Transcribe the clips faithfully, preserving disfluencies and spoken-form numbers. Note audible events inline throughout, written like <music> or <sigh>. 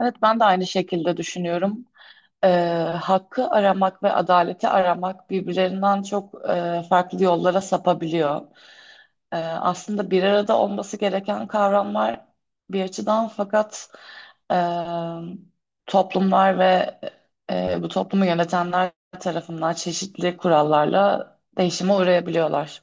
Evet, ben de aynı şekilde düşünüyorum. Ee, hakkı aramak ve adaleti aramak birbirlerinden çok e, farklı yollara sapabiliyor. Ee, aslında bir arada olması gereken kavramlar bir açıdan fakat e, toplumlar ve e, bu toplumu yönetenler tarafından çeşitli kurallarla değişime uğrayabiliyorlar.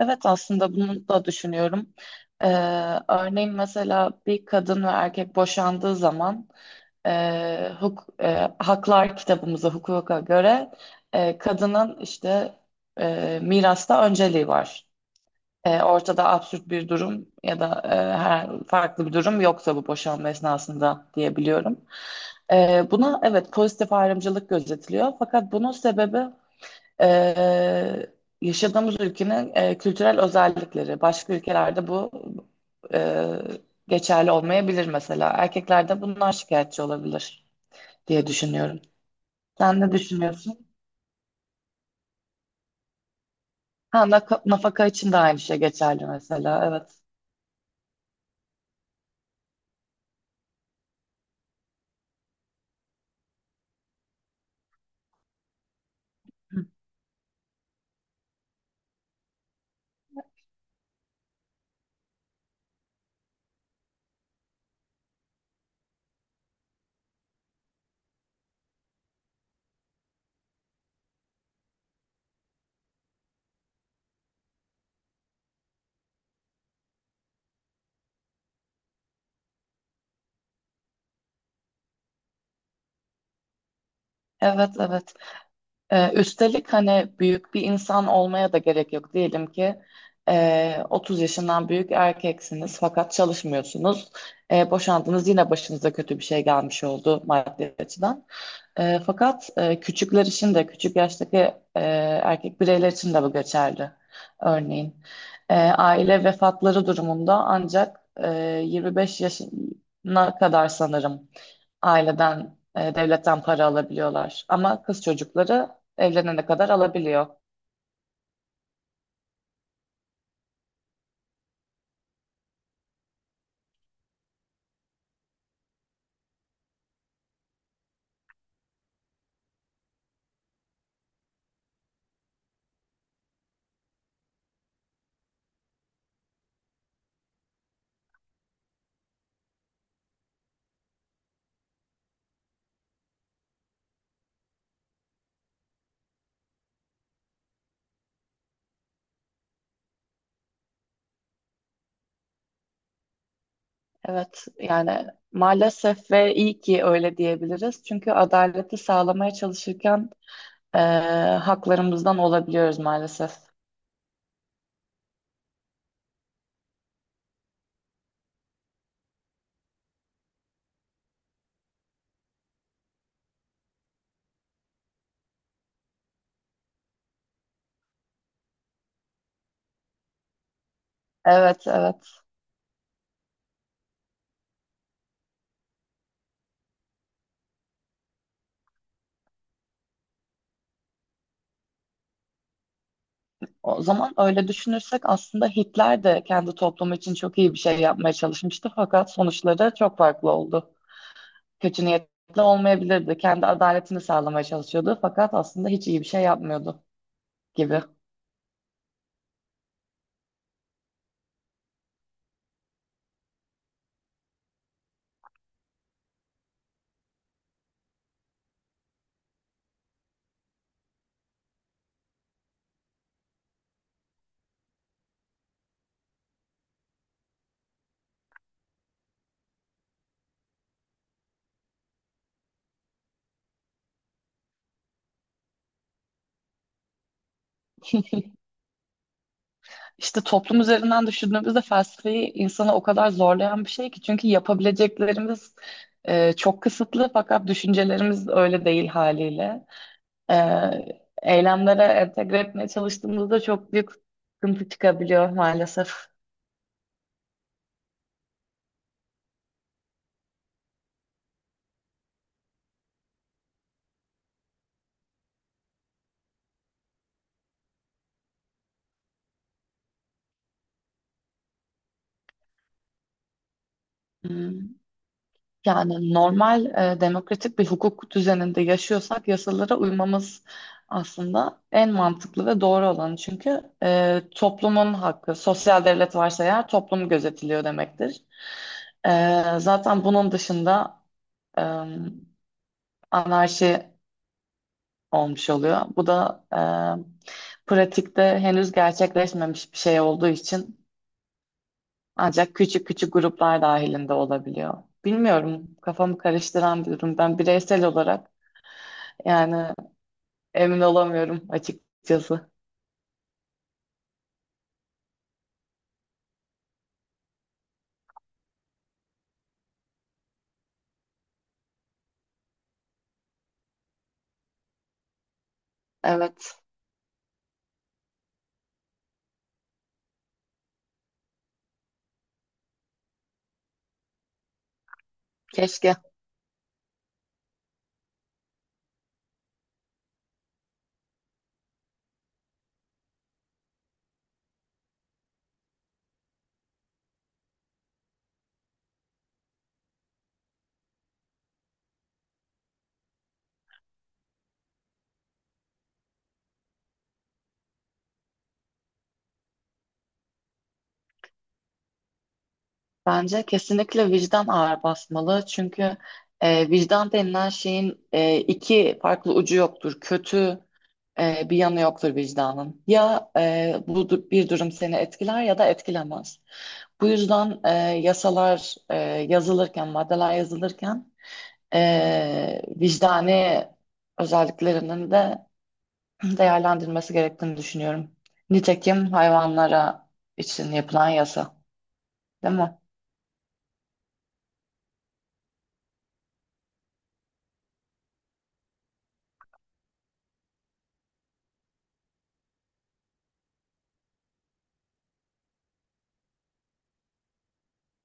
Evet, aslında bunu da düşünüyorum. Ee, örneğin mesela bir kadın ve erkek boşandığı zaman e, huk, e, haklar kitabımıza, hukuka göre e, kadının işte e, mirasta önceliği var. E, ortada absürt bir durum ya da e, her farklı bir durum yoksa bu boşanma esnasında diyebiliyorum. E, buna evet pozitif ayrımcılık gözetiliyor fakat bunun sebebi e, yaşadığımız ülkenin e, kültürel özellikleri. Başka ülkelerde bu e, geçerli olmayabilir mesela. Erkeklerde bundan şikayetçi olabilir diye düşünüyorum. Sen ne düşünüyorsun? Ha, naka- nafaka için de aynı şey geçerli mesela. Evet. Hı. Evet, evet. Ee, üstelik hani büyük bir insan olmaya da gerek yok. Diyelim ki e, otuz yaşından büyük erkeksiniz fakat çalışmıyorsunuz. E, boşandınız yine başınıza kötü bir şey gelmiş oldu maddi açıdan. E, fakat e, küçükler için de küçük yaştaki e, erkek bireyler için de bu geçerli. Örneğin e, aile vefatları durumunda ancak e, yirmi beş yaşına kadar sanırım aileden, e, devletten para alabiliyorlar. Ama kız çocukları evlenene kadar alabiliyor. Evet, yani maalesef ve iyi ki öyle diyebiliriz. Çünkü adaleti sağlamaya çalışırken eee, haklarımızdan olabiliyoruz maalesef. Evet, evet. O zaman öyle düşünürsek aslında Hitler de kendi toplumu için çok iyi bir şey yapmaya çalışmıştı. Fakat sonuçları çok farklı oldu. Kötü niyetli olmayabilirdi. Kendi adaletini sağlamaya çalışıyordu. Fakat aslında hiç iyi bir şey yapmıyordu gibi. <laughs> İşte toplum üzerinden düşündüğümüzde felsefeyi insanı o kadar zorlayan bir şey ki çünkü yapabileceklerimiz e, çok kısıtlı fakat düşüncelerimiz öyle değil haliyle. E, eylemlere entegre etmeye çalıştığımızda çok büyük sıkıntı çıkabiliyor maalesef. Hmm. Yani normal e, demokratik bir hukuk düzeninde yaşıyorsak yasalara uymamız aslında en mantıklı ve doğru olanı. Çünkü e, toplumun hakkı, sosyal devlet varsa eğer toplum gözetiliyor demektir. E, zaten bunun dışında e, anarşi olmuş oluyor. Bu da e, pratikte henüz gerçekleşmemiş bir şey olduğu için ancak küçük küçük gruplar dahilinde olabiliyor. Bilmiyorum, kafamı karıştıran bir durum. Ben bireysel olarak yani emin olamıyorum açıkçası. Evet, keşke. Bence kesinlikle vicdan ağır basmalı. Çünkü e, vicdan denilen şeyin e, iki farklı ucu yoktur. Kötü e, bir yanı yoktur vicdanın. Ya e, bu du- bir durum seni etkiler ya da etkilemez. Bu yüzden e, yasalar e, yazılırken, maddeler yazılırken e, vicdani özelliklerinin de değerlendirilmesi gerektiğini düşünüyorum. Nitekim hayvanlara için yapılan yasa, değil mi?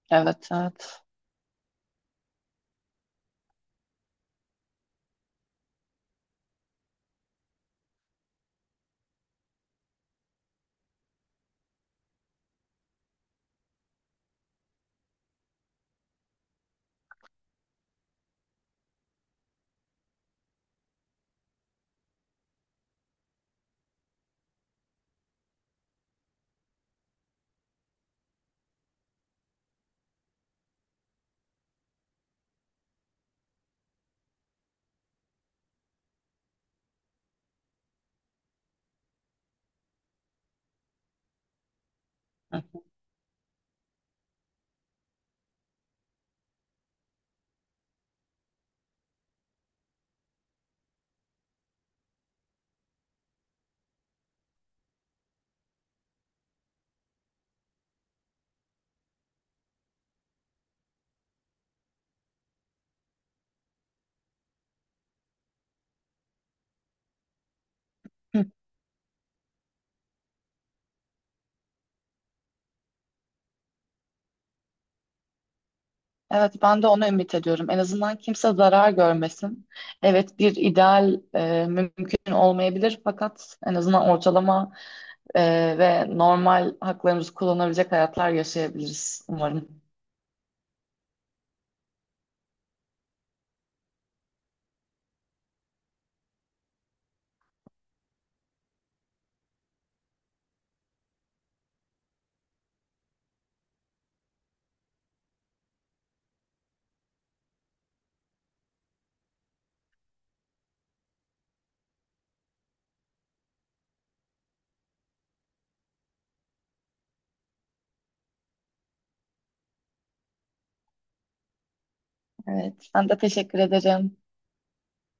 Evet, evet. Hı. Hı. Evet, ben de onu ümit ediyorum. En azından kimse zarar görmesin. Evet, bir ideal e, mümkün olmayabilir fakat en azından ortalama e, ve normal haklarımızı kullanabilecek hayatlar yaşayabiliriz umarım. Evet, ben de teşekkür ederim.